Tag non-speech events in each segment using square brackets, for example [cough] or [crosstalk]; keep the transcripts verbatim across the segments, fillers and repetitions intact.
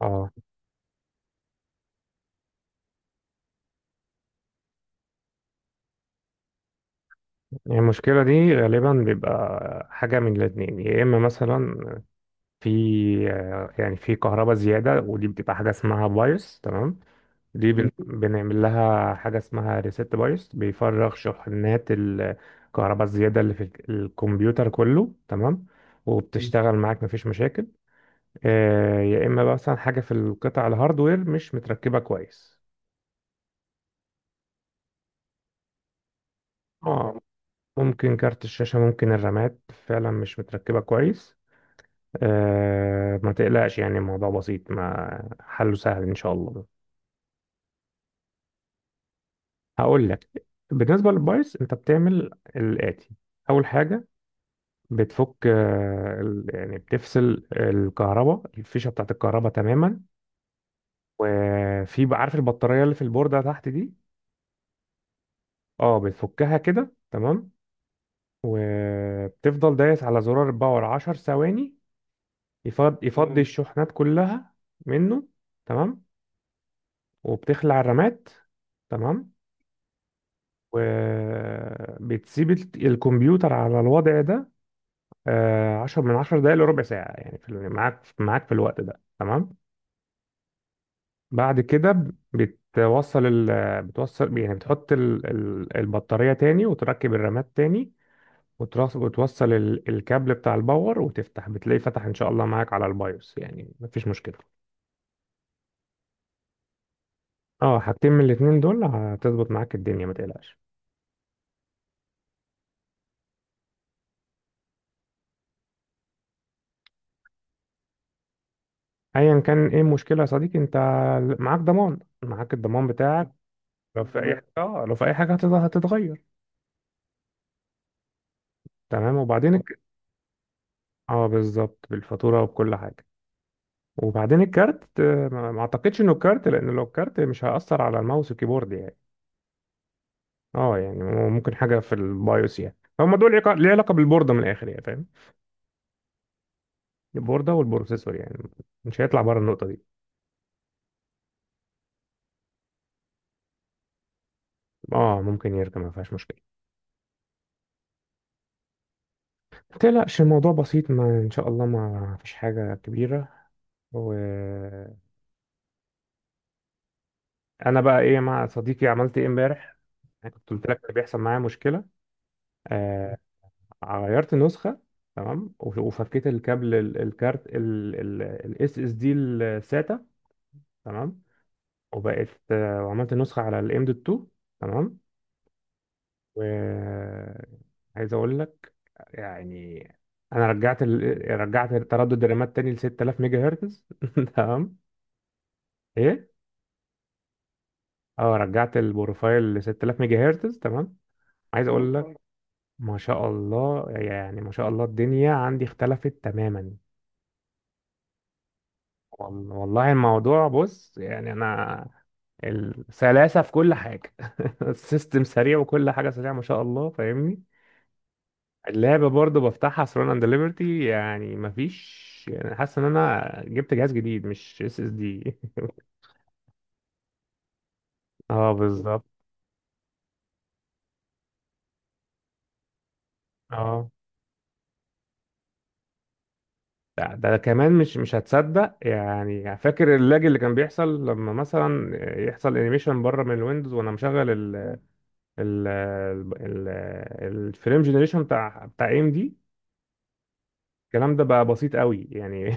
اه يعني المشكلة دي غالبا بيبقى حاجة من الاتنين، يا إما مثلا في آه، يعني في كهرباء زيادة، ودي بتبقى حاجة اسمها بايوس. تمام. دي بن- مم. بنعمل لها حاجة اسمها ريست بايوس، بيفرغ شحنات الكهرباء الزيادة اللي في الك- الكمبيوتر كله. تمام. مم. وبتشتغل معاك مفيش مشاكل. آه، يا إما بقى مثلا حاجة في القطع الهاردوير مش متركبة كويس. اه، ممكن كارت الشاشة، ممكن الرامات فعلا مش متركبة كويس. آه، ما تقلقش، يعني الموضوع بسيط ما حله سهل ان شاء الله. هقول لك. بالنسبه للبايث انت بتعمل الاتي: اول حاجه بتفك آه، ال- يعني بتفصل الكهرباء، الفيشه بتاعت الكهرباء تماما. وفي بقى- عارف البطاريه اللي في البورده تحت دي؟ اه، بتفكها كده. تمام. وبتفضل دايس على زرار الباور عشر ثواني، يفض- يفضي مم. الشحنات كلها منه. تمام. وبتخلع الرامات. تمام. وبتسيب الت- الكمبيوتر على الوضع ده آه، عشر من عشر دقايق لربع ساعة، يعني في ال- معاك معاك في الوقت ده. تمام. بعد كده ب- بتوصل ال بتوصل يعني بتحط ال- ال- البطارية تاني، وتركب الرامات تاني، وترص- وتوصل ال- الكابل بتاع الباور وتفتح، بتلاقيه فتح ان شاء الله معاك على البايوس، يعني مفيش مشكلة. اه، حاجتين من الاتنين دول هتظبط معاك الدنيا، ما تقلقش. ايا كان ايه المشكلة يا صديقي، انت معاك ضمان، معاك الضمان بتاعك. لو في اي ب- حاجه، اه لو في اي حاجه هتت- هتتغير. تمام. وبعدين الك... اه، بالظبط بالفاتوره وبكل حاجه. وبعدين الكارت، آه، ما ما اعتقدش انه الكارت، لان لو الكارت مش هيأثر على الماوس والكيبورد يعني. اه، يعني ممكن حاجه في البايوس، يعني هما دول عق- ليه علاقه بالبورده من الاخر يعني، فاهم؟ البورده والبروسيسور، يعني مش هيطلع بره النقطه دي. اه، ممكن يركب، ما فيهاش مشكله. ما تقلقش، الموضوع بسيط، ما ان شاء الله ما فيش حاجه كبيره. وانا بقى ايه مع صديقي، عملت ايه امبارح؟ انا كنت قلت لك إن بيحصل معايا مشكله. آه، غيرت نسخة. تمام. وف- وفكيت الكابل ال- الكارت الاس اس دي الساتا. تمام. وبقت، آه، وعملت نسخة على الام دوت اثنين. تمام. و عايز اقول لك، يعني انا رجعت ال... رجعت تردد الرامات تاني ل ستة آلاف ميجا هرتز [laughs] تمام. ايه، اه رجعت البروفايل ل ستة آلاف ميجا هرتز. تمام. عايز اقول لك، ما شاء الله، يعني ما شاء الله الدنيا عندي اختلفت تماما. وال- والله الموضوع بص، يعني انا السلاسة في كل حاجة [laughs] السيستم سريع وكل حاجة سريعة، ما شاء الله، فاهمني؟ اللعبة برضو بفتحها ثرون اند ليبرتي، يعني مفيش، يعني حاسس ان انا جبت جهاز جديد، مش اس اس دي. [laughs] اه بالظبط. اه، ده, ده كمان مش مش هتصدق، يعني فاكر اللاج اللي كان بيحصل لما مثلا يحصل انيميشن بره من الويندوز وانا مشغل ال ال ال ال- الفريم جنريشن بتاع بتاع ام دي. الكلام ده بقى بسيط قوي يعني.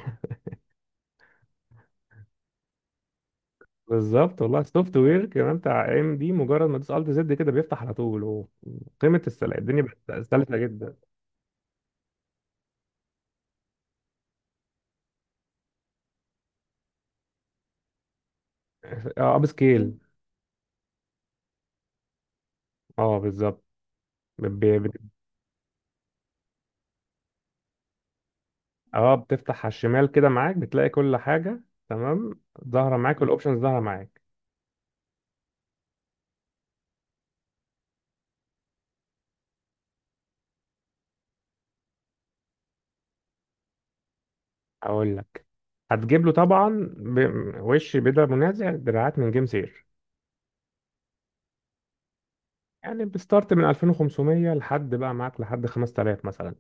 [laughs] بالظبط. والله السوفت وير كمان بتاع ام دي، مجرد ما تدوس الت زد كده بيفتح على طول، وقيمه السلع الدنيا بقت سلسه جدا. اه اب سكيل. اه بالظبط. ب- ب- اه بتفتح على الشمال كده معاك، بتلاقي كل حاجه. تمام. ظاهره معاك والاوبشنز ظاهره معاك. اقول لك، هتجيب له طبعا. ب- وش بدا منازع دراعات من جيم سير. يعني بستارت من ألفين وخمسمية لحد بقى معاك لحد خمسة آلاف مثلا.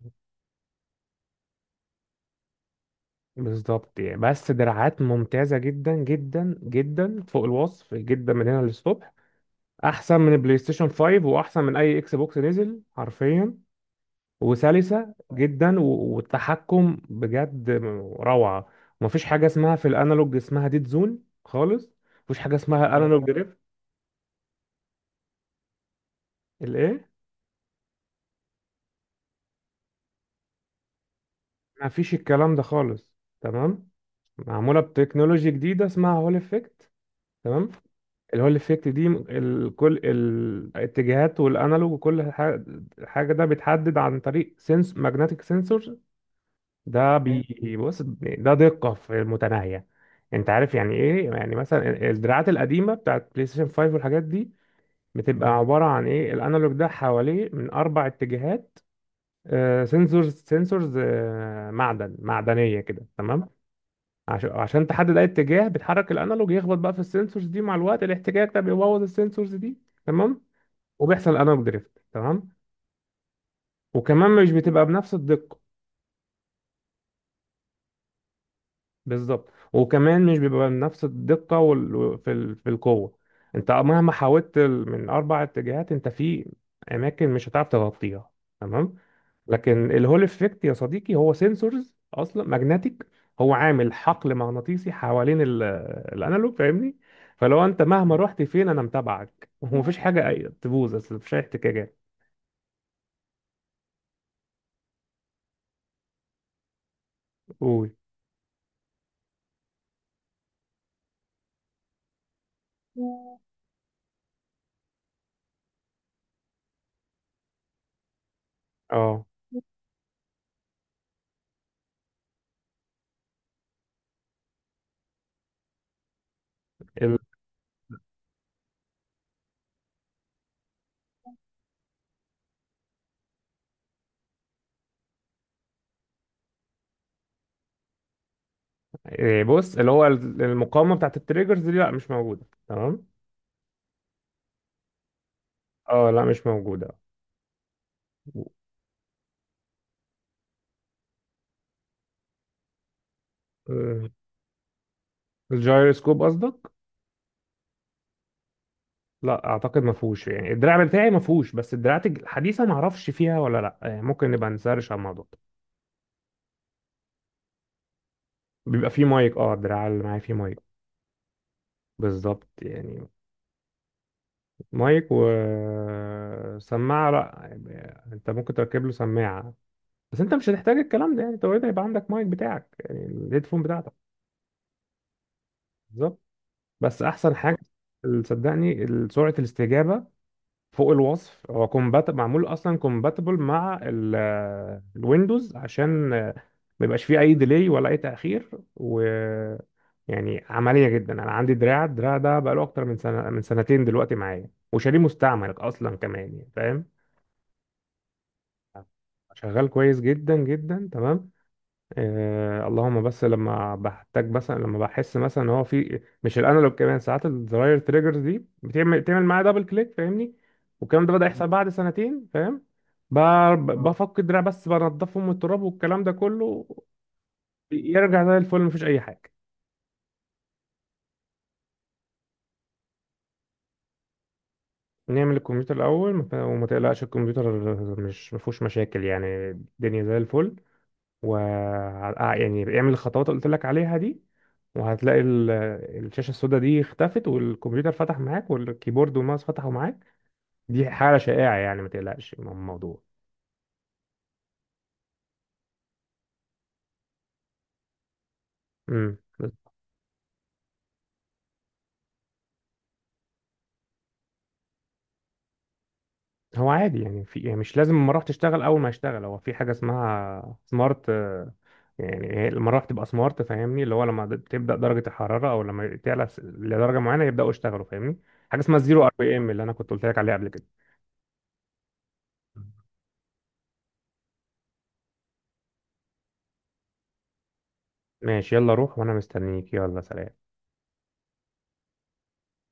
بالظبط يعني. بس دراعات ممتازة جدا جدا جدا فوق الوصف، جدا من هنا للصبح. أحسن من البلاي ستيشن خمسة وأحسن من أي إكس بوكس نزل حرفيا. وسلسة جدا، و- والتحكم بجد روعة. ومفيش حاجة اسمها في الأنالوج اسمها ديد زون خالص. مفيش حاجة اسمها اه أنالوج دريفت. الإيه؟ مفيش الكلام ده خالص. تمام. معمولة بتكنولوجيا جديدة اسمها هول إفكت. تمام. اللي هو الافكت دي، ال- كل ال- الاتجاهات والانالوج وكل حاجه، حاجة ده بيتحدد عن طريق سنس ماجنتيك سنسور. ده مم. بيبص ده دقه في المتناهيه. انت عارف يعني ايه؟ يعني مثلا الدراعات القديمه بتاعت بلاي ستيشن خمسة والحاجات دي، بتبقى عباره عن ايه، الانالوج ده حواليه من اربع اتجاهات سنسورز سنسورز معدن، معدنيه كده. تمام. عشان عشان تحدد اي اتجاه بتحرك الانالوج، يخبط بقى في السنسورز دي. مع الوقت الاحتكاك ده بيبوظ السنسورز دي. تمام. وبيحصل انالوج دريفت. تمام. وكمان مش بتبقى بنفس الدقة. بالظبط، وكمان مش بيبقى بنفس الدقة، وال... في ال... في القوة، انت مهما حاولت ال- من اربع اتجاهات، انت في اماكن مش هتعرف تغطيها. تمام. لكن الهول افكت يا صديقي هو سنسورز اصلا ماجنتيك، هو عامل حقل مغناطيسي حوالين ال... الانالوج، فاهمني؟ فلو انت مهما رحت فين، انا متابعك [laughs] ومفيش حاجة أي- تبوظ، أصل مفيش اي احتكاكات. قول. اه ال... إيه، بص، اللي هو ال- المقاومة بتاعت التريجرز دي لا مش موجودة. تمام. اه لا مش موجودة. آه، الجايروسكوب قصدك؟ لا اعتقد ما فيهوش يعني، الدراع بتاعي ما فيهوش، بس الدراعات الحديثة ما اعرفش فيها ولا لا، يعني ممكن نبقى نسرش على الموضوع ده. بيبقى فيه مايك، اه الدراع اللي معايا فيه مايك. بالظبط يعني. مايك وسماعة، لا. يعني انت ممكن تركب له سماعة، بس انت مش هتحتاج الكلام ده، يعني انت اوريدي هيبقى عندك مايك بتاعك، يعني الهيدفون بتاعتك. بالظبط. بس احسن حاجة، صدقني، سرعة الاستجابة فوق الوصف. هو كومبات معمول اصلا كومباتبل مع ال- آه، الويندوز، عشان آه، ما يبقاش فيه اي ديلي ولا اي تاخير. و يعني عمليه جدا، انا عندي دراع، الدراع ده بقاله اكتر من سنه، من سنتين دلوقتي معايا، وشاريه مستعمل اصلا كمان يعني، فاهم؟ شغال كويس جدا جدا. تمام. آه، اللهم بس لما بحتاج مثلا، لما بحس مثلا ان هو في مش الانالوج، كمان ساعات الزراير تريجرز دي بتعمل بتعمل معايا دبل كليك، فاهمني؟ والكلام ده بدأ يحصل بعد سنتين، فاهم؟ ب- ب- آه. بفك الدراع بس، بنضفهم من التراب والكلام ده كله. يرجع زي الفل، مفيش اي حاجه. نعمل الكمبيوتر الاول، مت- وما تقلقش، الكمبيوتر مش مفهوش مشاكل، يعني الدنيا زي الفل. و آه، يعني اعمل الخطوات اللي قلت لك عليها دي، وهتلاقي ال- الشاشة السوداء دي اختفت، والكمبيوتر فتح معاك، والكيبورد والماوس فتحوا معاك. دي حالة شائعة، يعني ما تقلقش من الموضوع. امم. هو عادي يعني، في يعني مش لازم المراوح تشتغل اول ما يشتغل، هو في حاجة اسمها سمارت، آه، يعني هي المراوح تبقى سمارت، فاهمني؟ اللي هو لما د- تبدأ درجة الحرارة، او لما تعلى س- لدرجة معينة يبدأوا يشتغلوا، فاهمني؟ حاجة اسمها الزيرو ار بي ام، اللي انا كنت قلت لك عليها قبل كده. ماشي، يلا روح، وانا مستنيك، يلا سلام.